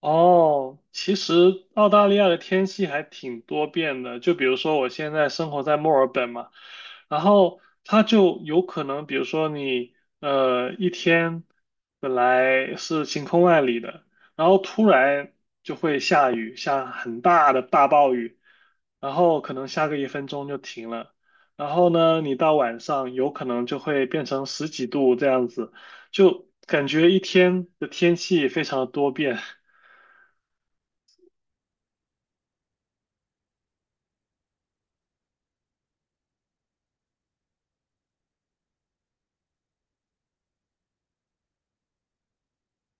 哦，其实澳大利亚的天气还挺多变的，就比如说我现在生活在墨尔本嘛，然后它就有可能，比如说你一天本来是晴空万里的，然后突然就会下雨，下很大的大暴雨，然后可能下个1分钟就停了，然后呢，你到晚上有可能就会变成十几度这样子，就感觉一天的天气非常的多变。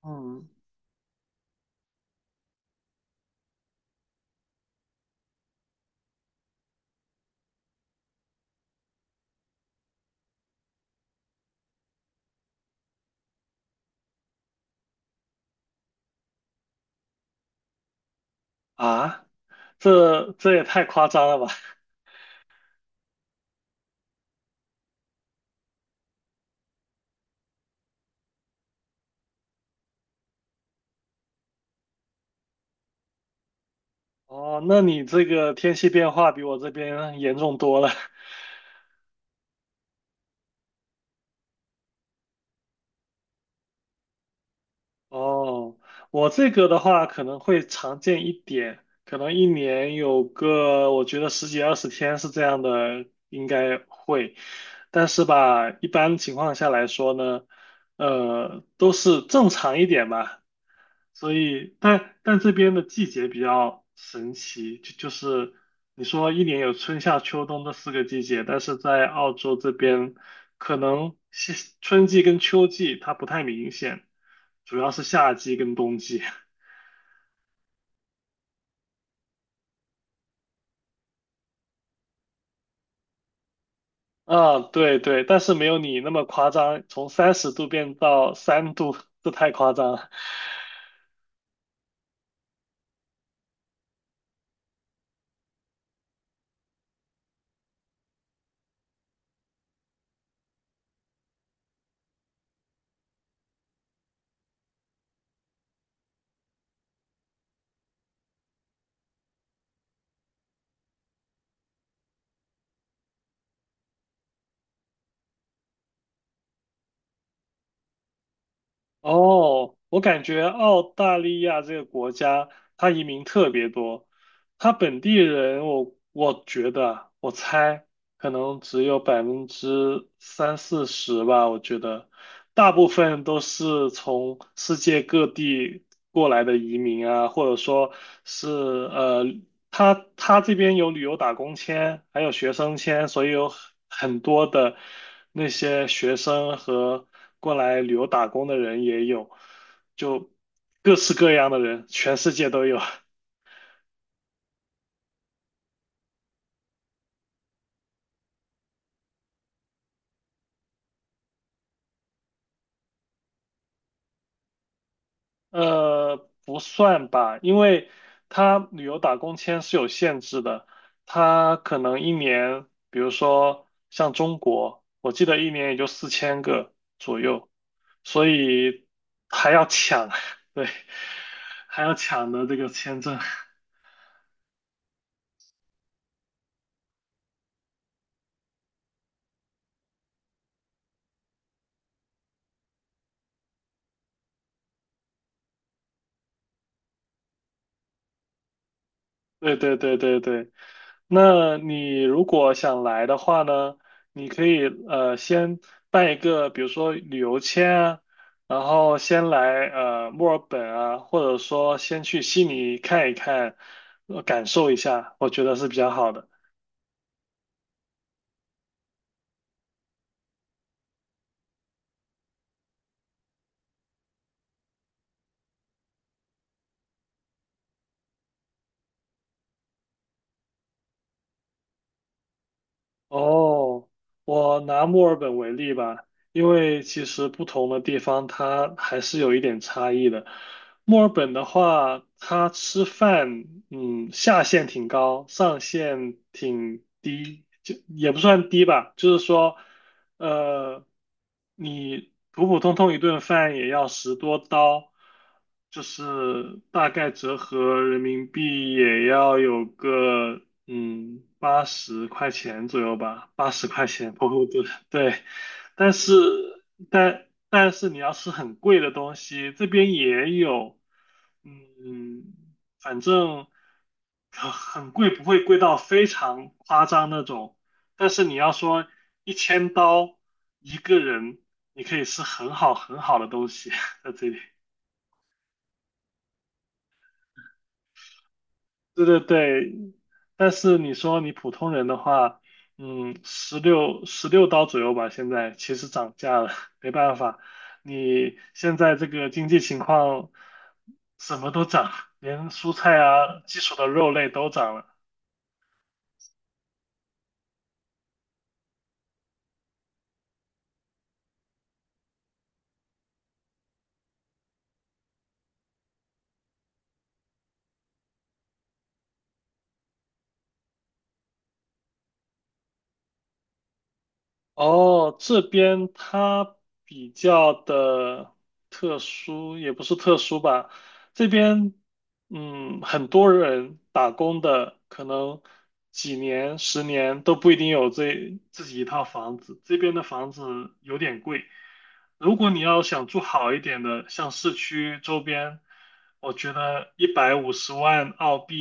嗯，啊，这也太夸张了吧？哦，那你这个天气变化比我这边严重多了。哦，我这个的话可能会常见一点，可能一年有个我觉得十几二十天是这样的，应该会。但是吧，一般情况下来说呢，都是正常一点吧。所以，但这边的季节比较神奇，就是你说一年有春夏秋冬这四个季节，但是在澳洲这边，可能春季跟秋季它不太明显，主要是夏季跟冬季。啊，对对，但是没有你那么夸张，从30度变到3度，这太夸张了。哦，我感觉澳大利亚这个国家，它移民特别多，他本地人我觉得啊我猜可能只有百分之三四十吧。我觉得大部分都是从世界各地过来的移民啊，或者说是他这边有旅游打工签，还有学生签，所以有很多的那些学生和过来旅游打工的人也有，就各式各样的人，全世界都有。不算吧，因为他旅游打工签是有限制的，他可能一年，比如说像中国，我记得一年也就4000个左右，所以还要抢，对，还要抢的这个签证。对对对对对，那你如果想来的话呢，你可以先办一个，比如说旅游签啊，然后先来墨尔本啊，或者说先去悉尼看一看，感受一下，我觉得是比较好的。哦，我拿墨尔本为例吧，因为其实不同的地方它还是有一点差异的。墨尔本的话，它吃饭，下限挺高，上限挺低，就也不算低吧，就是说。呃，你普普通通一顿饭也要10多刀，就是大概折合人民币也要有个八十块钱左右吧，八十块钱普普通对。但是但是你要吃很贵的东西，这边也有，嗯，反正很贵，不会贵到非常夸张那种。但是你要说1000刀一个人，你可以吃很好很好的东西在这里。对对对，但是你说你普通人的话，十六刀左右吧，现在其实涨价了，没办法，你现在这个经济情况，什么都涨，连蔬菜啊、基础的肉类都涨了。哦，这边它比较的特殊，也不是特殊吧。这边，很多人打工的，可能几年、十年都不一定有这自己一套房子。这边的房子有点贵，如果你要想住好一点的，像市区周边，我觉得150万澳币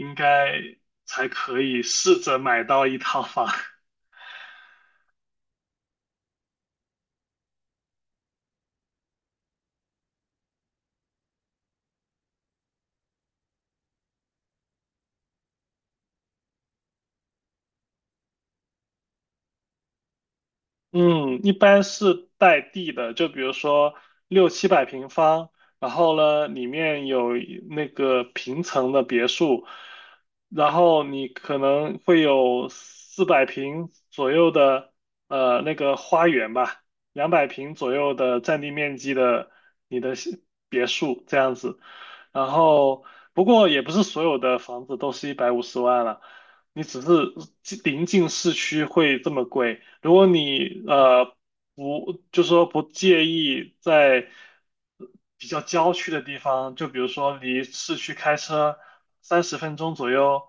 应该才可以试着买到一套房。嗯，一般是带地的，就比如说六七百平方，然后呢，里面有一那个平层的别墅，然后你可能会有400平左右的那个花园吧，200平左右的占地面积的你的小别墅这样子，然后不过也不是所有的房子都是一百五十万了。你只是临近市区会这么贵。如果你不，就说不介意在比较郊区的地方，就比如说离市区开车30分钟左右，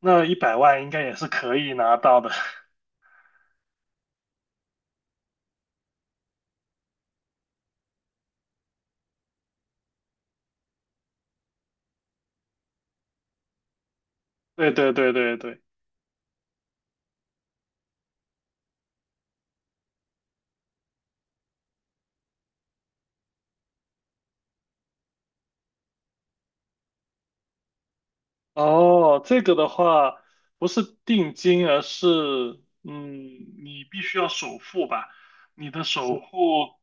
那100万应该也是可以拿到的。对对对对对。哦，这个的话不是定金，而是嗯，你必须要首付吧？你的首付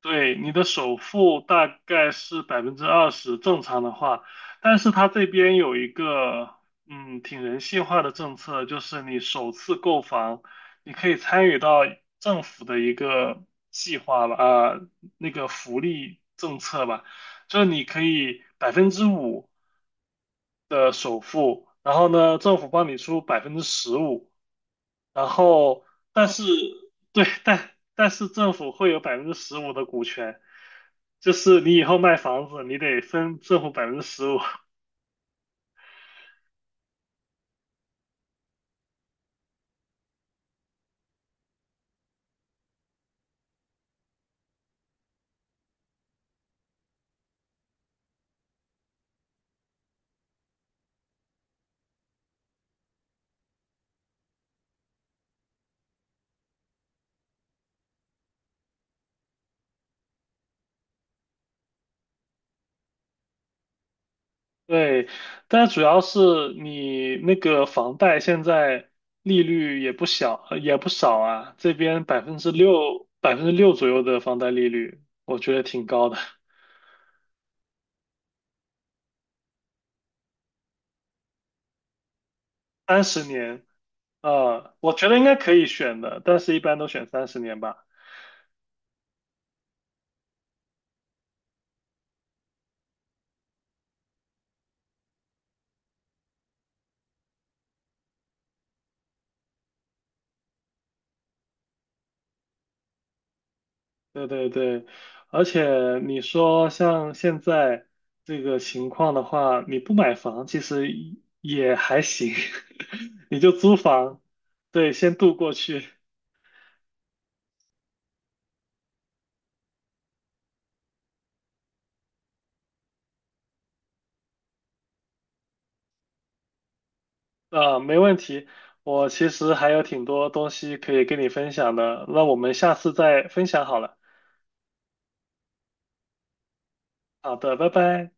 对，你的首付大概是20%，正常的话，但是它这边有一个挺人性化的政策，就是你首次购房，你可以参与到政府的一个计划吧，那个福利政策吧，就是你可以5%的首付，然后呢，政府帮你出百分之十五，然后，但是对，但是政府会有百分之十五的股权，就是你以后卖房子，你得分政府百分之十五。对，但主要是你那个房贷现在利率也不小，也不少啊，这边百分之六左右的房贷利率，我觉得挺高的，三十年，我觉得应该可以选的，但是一般都选三十年吧。对对对，而且你说像现在这个情况的话，你不买房其实也还行，你就租房，对，先度过去啊，没问题。我其实还有挺多东西可以跟你分享的，那我们下次再分享好了。好的，拜拜。